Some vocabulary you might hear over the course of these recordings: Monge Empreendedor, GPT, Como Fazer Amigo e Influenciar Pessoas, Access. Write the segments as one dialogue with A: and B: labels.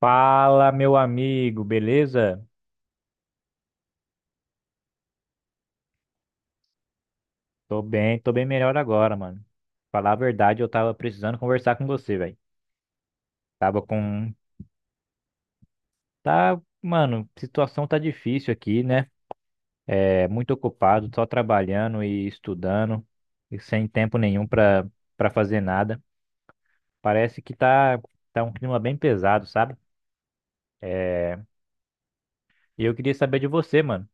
A: Fala, meu amigo, beleza? Tô bem melhor agora, mano. Falar a verdade, eu tava precisando conversar com você, velho. Tava com. Tá, mano, situação tá difícil aqui, né? É muito ocupado, só trabalhando e estudando, e sem tempo nenhum pra fazer nada. Parece que tá um clima bem pesado, sabe? É, e eu queria saber de você, mano.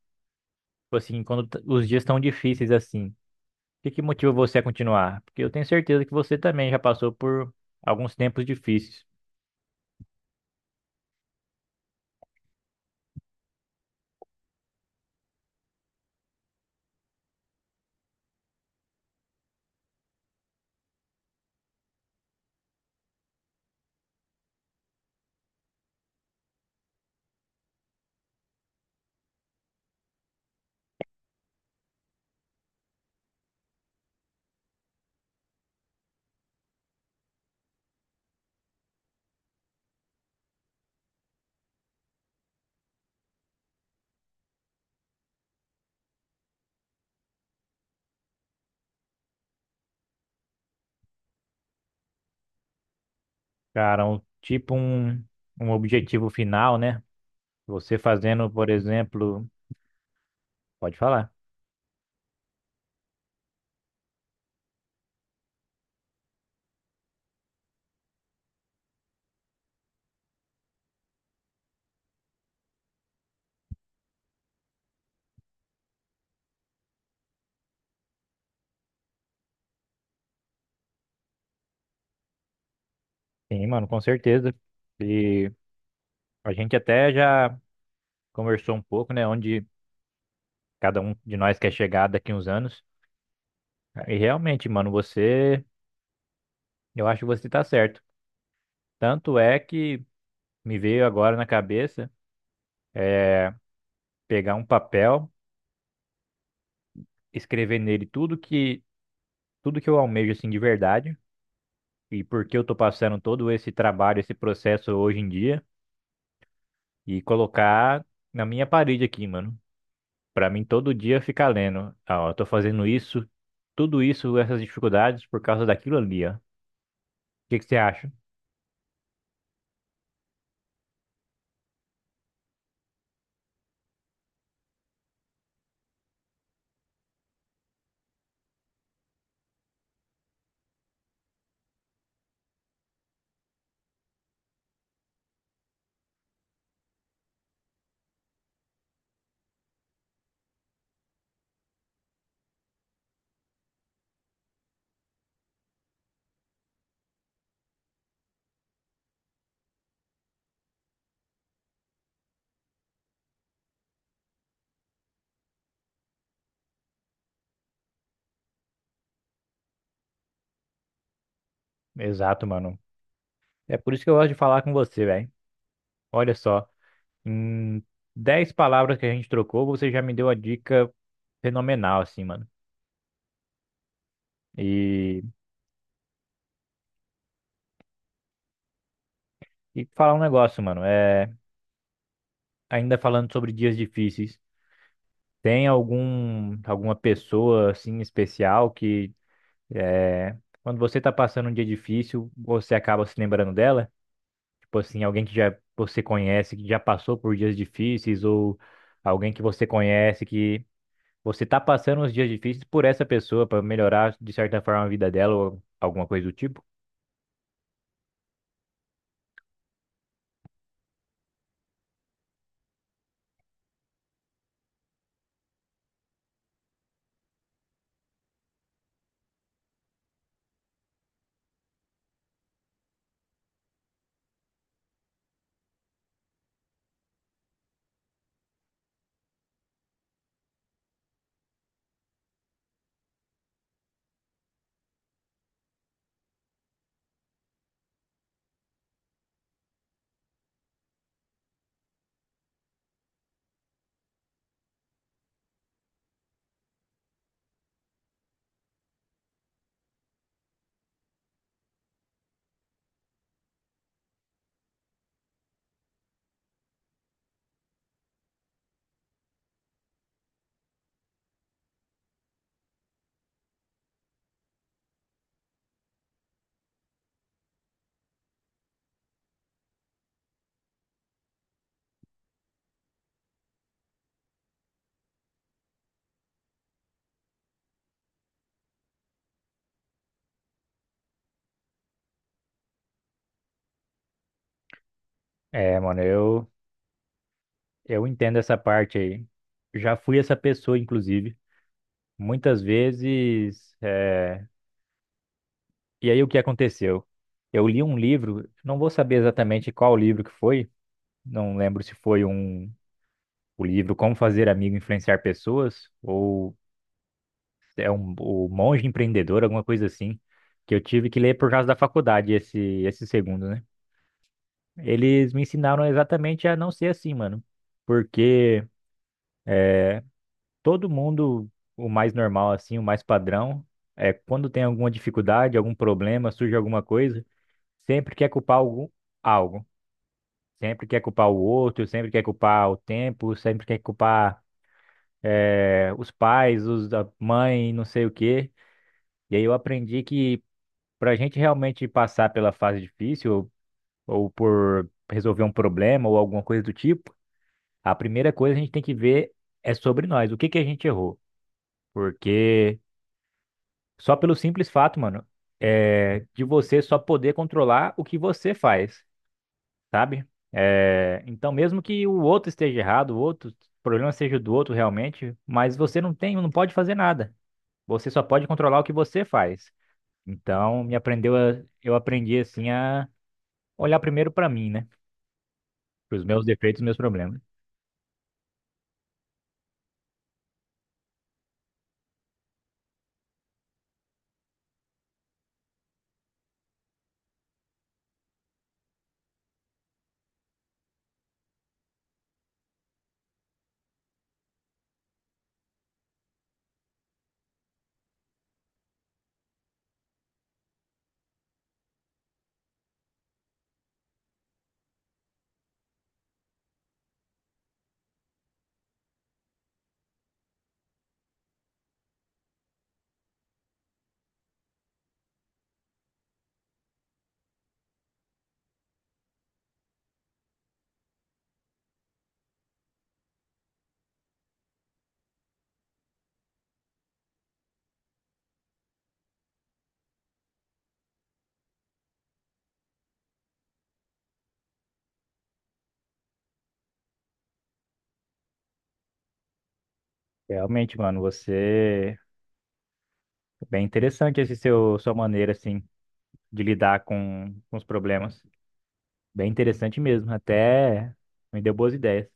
A: Tipo assim, quando os dias tão difíceis assim. Que motiva você a continuar? Porque eu tenho certeza que você também já passou por alguns tempos difíceis. Cara, tipo um objetivo final, né? Você fazendo, por exemplo, pode falar. Sim, mano, com certeza. E a gente até já conversou um pouco, né? Onde cada um de nós quer chegar daqui uns anos. E realmente, mano, eu acho que você tá certo. Tanto é que me veio agora na cabeça é, pegar um papel, escrever nele tudo que eu almejo assim de verdade, e por que eu tô passando todo esse trabalho, esse processo hoje em dia, e colocar na minha parede aqui, mano. Pra mim todo dia ficar lendo, ah, ó, eu tô fazendo isso, tudo isso, essas dificuldades por causa daquilo ali, ó. O que que você acha? Exato, mano. É por isso que eu gosto de falar com você, velho. Olha só, em 10 palavras que a gente trocou, você já me deu a dica fenomenal, assim, mano. E, e falar um negócio, mano. Ainda falando sobre dias difíceis. Tem alguma pessoa assim especial que, é, quando você tá passando um dia difícil, você acaba se lembrando dela? Tipo assim, alguém que já você conhece, que já passou por dias difíceis, ou alguém que você conhece que você tá passando os dias difíceis por essa pessoa para melhorar de certa forma a vida dela ou alguma coisa do tipo? Mano, eu entendo essa parte aí. Já fui essa pessoa, inclusive. Muitas vezes, e aí o que aconteceu? Eu li um livro, não vou saber exatamente qual livro que foi, não lembro se foi o livro Como Fazer Amigo e Influenciar Pessoas, ou o Monge Empreendedor, alguma coisa assim, que eu tive que ler por causa da faculdade esse segundo, né? Eles me ensinaram exatamente a não ser assim, mano, porque todo mundo, o mais normal assim, o mais padrão é quando tem alguma dificuldade, algum problema, surge alguma coisa, sempre quer culpar algum algo. Sempre quer culpar o outro, sempre quer culpar o tempo, sempre quer culpar os pais, os da mãe, não sei o quê. E aí eu aprendi que, para a gente realmente passar pela fase difícil ou por resolver um problema ou alguma coisa do tipo, a primeira coisa que a gente tem que ver é sobre nós, o que que a gente errou. Porque, só pelo simples fato, mano, é de você só poder controlar o que você faz. Sabe? É, então, mesmo que o outro esteja errado, o problema seja do outro realmente, mas você não tem, não pode fazer nada. Você só pode controlar o que você faz. Então, eu aprendi assim a olhar primeiro pra mim, né? Para os meus defeitos, meus problemas. Realmente, mano, você é bem interessante esse seu sua maneira assim de lidar com os problemas. Bem interessante mesmo, até me deu boas ideias.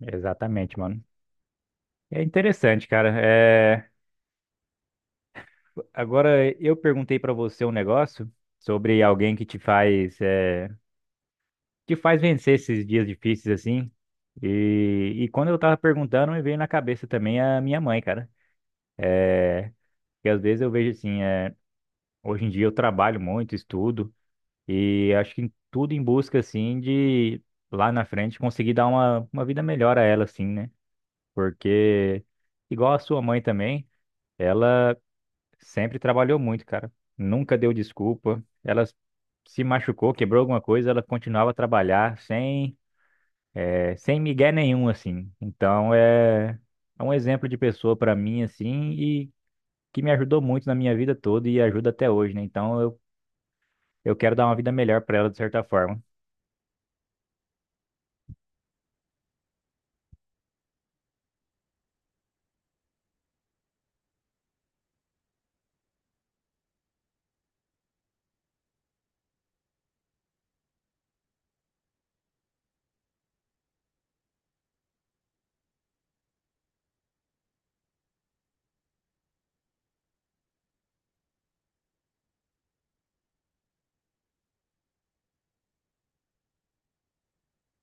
A: Exatamente, mano. É interessante, cara. Agora, eu perguntei para você um negócio sobre alguém que te faz vencer esses dias difíceis assim. E quando eu tava perguntando, me veio na cabeça também a minha mãe, cara. Que às vezes eu vejo assim, hoje em dia eu trabalho muito, estudo, e acho que tudo em busca assim de lá na frente conseguir dar uma vida melhor a ela, assim, né? Porque, igual a sua mãe também, ela. Sempre trabalhou muito, cara. Nunca deu desculpa. Ela se machucou, quebrou alguma coisa, ela continuava a trabalhar sem migué nenhum, assim. Então é um exemplo de pessoa pra mim, assim, e que me ajudou muito na minha vida toda e ajuda até hoje, né? Então eu quero dar uma vida melhor pra ela, de certa forma.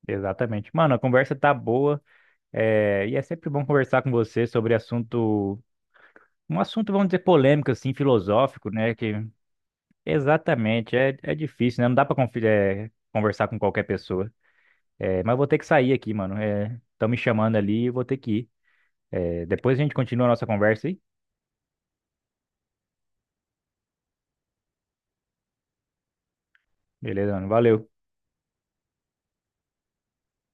A: Exatamente. Mano, a conversa tá boa, e é sempre bom conversar com você sobre um assunto, vamos dizer, polêmico, assim, filosófico, né? Que Exatamente, é difícil, né? Não dá pra conversar com qualquer pessoa. Mas eu vou ter que sair aqui, mano. Estão me chamando ali e eu vou ter que ir. Depois a gente continua a nossa conversa aí. Beleza, mano? Valeu.